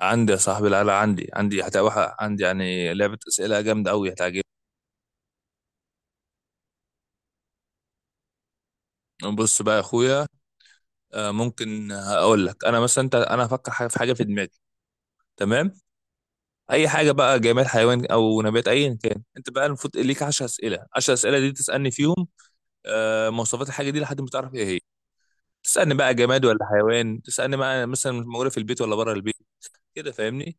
عندي يا صاحبي العلا عندي هتبقى عندي يعني لعبة أسئلة جامدة أوي هتعجبك. بص بقى يا أخويا. ممكن هقول لك أنا مثلا أنا هفكر حاجة في دماغي. تمام. أي حاجة بقى جماد حيوان أو نبات أيا كان، أنت بقى المفروض ليك 10 أسئلة، 10 أسئلة دي تسألني فيهم مواصفات الحاجة دي لحد ما تعرف إيه هي. تسألني بقى جماد ولا حيوان، تسألني بقى مثلا موجودة في البيت ولا بره البيت. كده فاهمني؟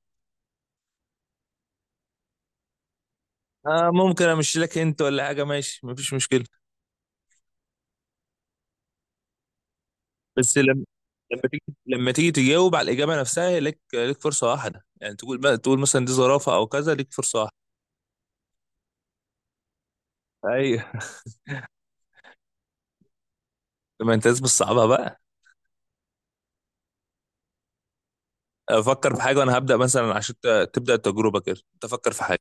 آه، ممكن أمشي لك أنت ولا حاجة، ماشي مفيش مشكلة. بس لما تيجي تجاوب على الإجابة نفسها، ليك فرصة واحدة، يعني تقول بقى مثلا دي زرافة أو كذا، ليك فرصة واحدة. أيوه. ما أنت لازم تصعبها بقى. أفكر في حاجة وأنا هبدأ مثلا، عشان تبدأ التجربة كده أنت فكر في حاجة.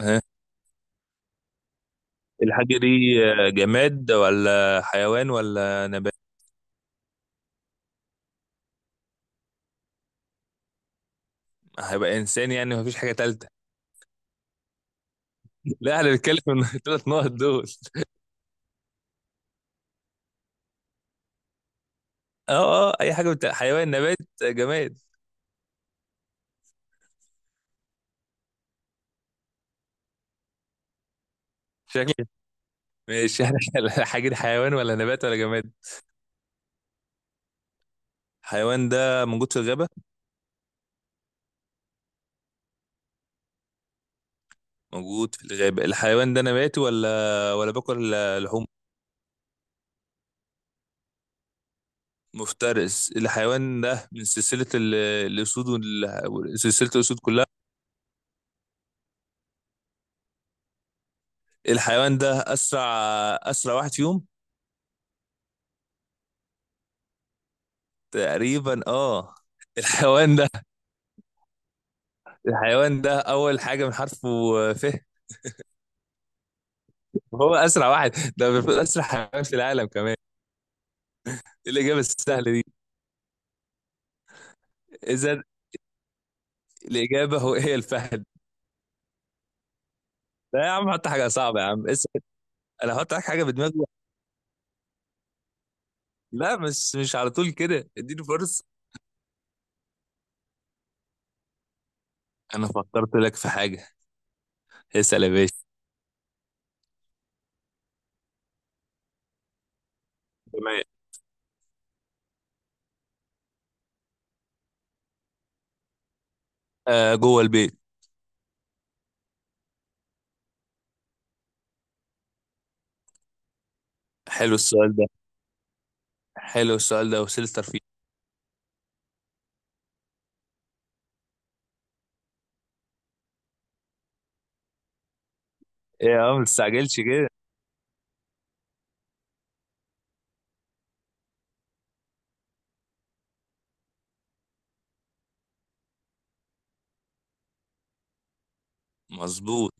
ها. الحاجة دي جماد ولا حيوان ولا نبات؟ هيبقى إنسان يعني، مفيش حاجة تالتة. لا، احنا بنتكلم من الثلاث نقط دول. اه اه، اي حاجه بتاع حيوان نبات جماد. شكل. ماشي، احنا الحاجه دي حيوان ولا نبات ولا جماد؟ حيوان ده موجود في الغابه؟ موجود في الغابة. الحيوان ده نباتي ولا باكل لحوم؟ مفترس. الحيوان ده من سلسلة الأسود، سلسلة الأسود كلها. الحيوان ده أسرع واحد فيهم. تقريبا اه. الحيوان ده الحيوان ده أول حاجة من حرفه ف هو أسرع واحد. ده المفروض أسرع حيوان في العالم كمان. إيه الإجابة السهلة دي؟ إذا الإجابة هي الفهد. لا يا عم، حط حاجة صعبة يا عم، اسأل. أنا هحط لك حاجة بدماغي. لا مش على طول كده، اديني فرصة. انا فكرت لك في حاجه. اسال يا باشا. تمام. آه، جوه البيت. حلو السؤال ده، وسيلتر فيه. ايه يا عم، ما تستعجلش كده. مظبوط.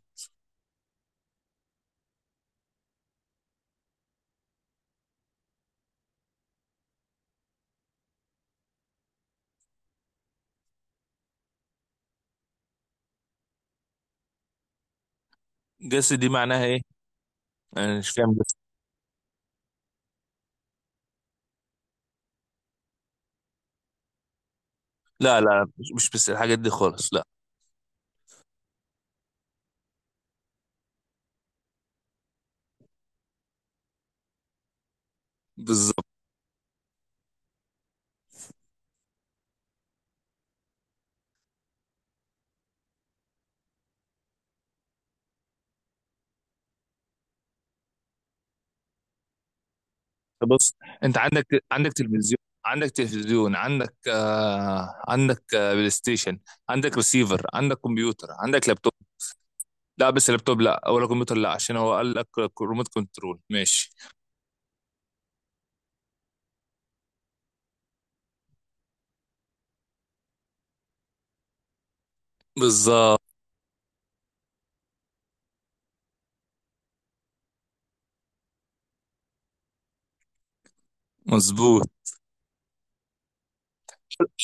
جسد دي معناها ايه؟ انا مش فاهم جسد. لا لا، مش بس الحاجات دي خالص، لا. بالظبط. بص. انت عندك تلفزيون، عندك تلفزيون، عندك عندك بلاي ستيشن، عندك ريسيفر، عندك كمبيوتر، عندك لابتوب. لا بس اللابتوب لا، ولا كمبيوتر لا، عشان هو قال لك ريموت كنترول. ماشي. بالظبط. مظبوط.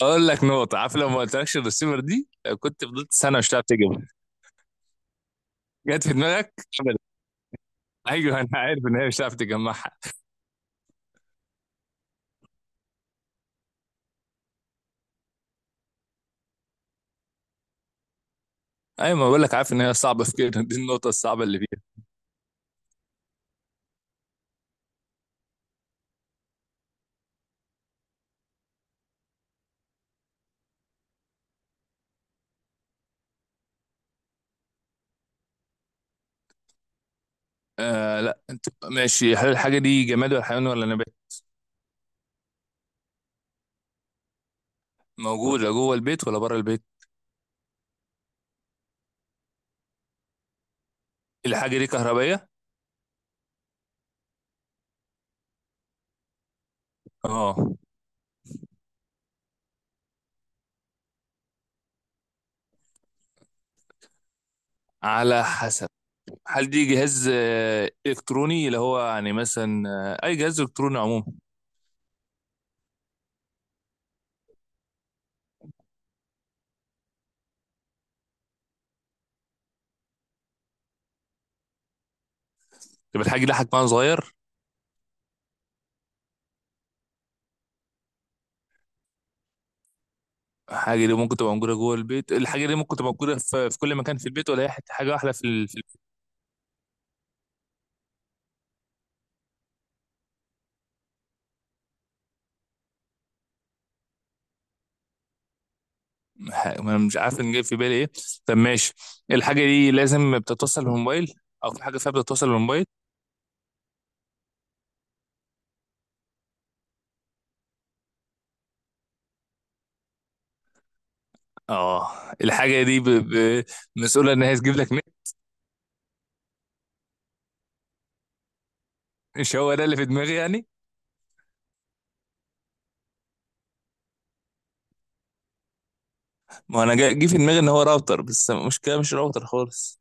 اقول لك نقطه، عارف لو ما قلتلكش الريسيفر دي، كنت فضلت سنه مش هتعرف تجيبها. جت في دماغك. ابدا. ايوه، انا عارف ان هي مش هتعرف تجمعها. ايوه، ما بقول لك، عارف ان هي صعبه في كده، دي النقطه الصعبه اللي فيها. آه، لا انت ماشي. هل الحاجه دي جماد ولا حيوان ولا نبات؟ موجوده جوه البيت ولا بره البيت؟ الحاجه دي كهربائيه؟ اه. على حسب. هل دي جهاز الكتروني، اللي هو يعني مثلا اي جهاز الكتروني عموما؟ طب الحاجه دي حجمها صغير؟ الحاجة دي ممكن تبقى موجودة جوه البيت، الحاجة دي ممكن تبقى موجودة في كل مكان في البيت، ولا هي حاجة واحدة ما أنا مش عارف إن جاي في بالي إيه. طب ماشي. الحاجة دي لازم بتتوصل بالموبايل؟ أو في حاجة فيها بتتوصل بالموبايل؟ آه. الحاجة دي مسؤولة إن هي تجيب لك نت؟ مش هو ده اللي في دماغي يعني. ما أنا جه في دماغي إن هو راوتر، بس المشكلة مش راوتر خالص.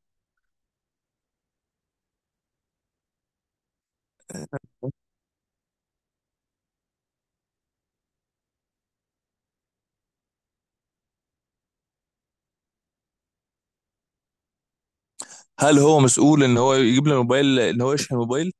هل هو مسؤول إن هو يجيب لي موبايل، إن هو يشحن موبايل؟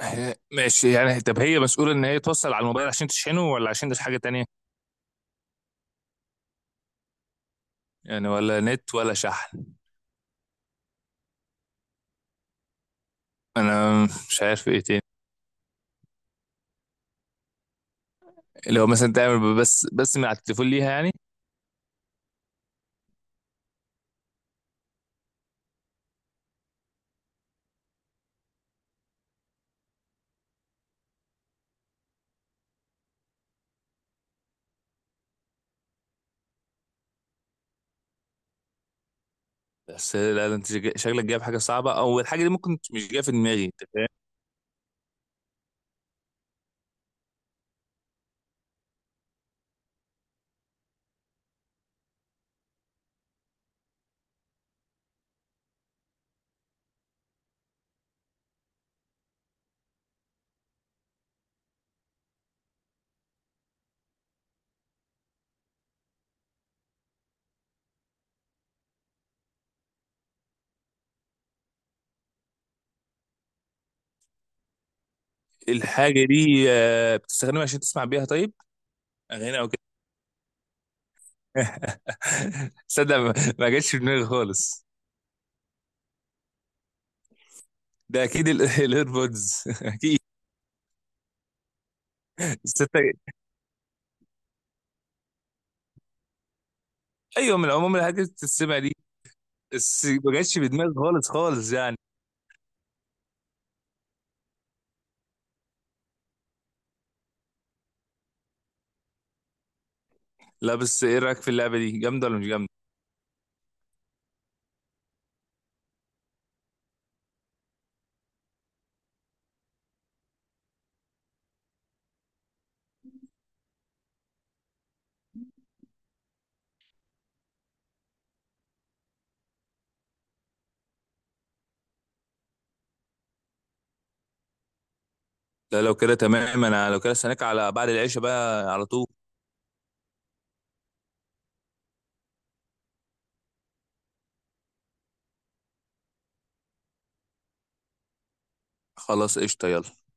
ماشي يعني. طب هي مسؤولة إن هي توصل على الموبايل عشان تشحنه، ولا عشان ده حاجة تانية؟ يعني ولا نت ولا شحن. انا مش عارف ايه تاني. لو مثلا تعمل بس من على التليفون ليها يعني. بس لا، ده انت شكلك جايب حاجه صعبه، او الحاجه دي ممكن مش جايه في دماغي، انت فاهم. الحاجه دي بتستخدمها عشان تسمع بيها؟ طيب. اغاني او كده. صدق ما جاتش في دماغي خالص. ده اكيد الايربودز اكيد. بس انت- ايوه، من عموم الحاجات اللي بتتسمع دي. بس ما جاتش في دماغي خالص خالص يعني. لا بس ايه رايك في اللعبه دي، جامده ولا مش جامده؟ لا لو كده تمام، انا لو كده استناك على بعد العشاء بقى على طول. خلاص قشطه، يلا.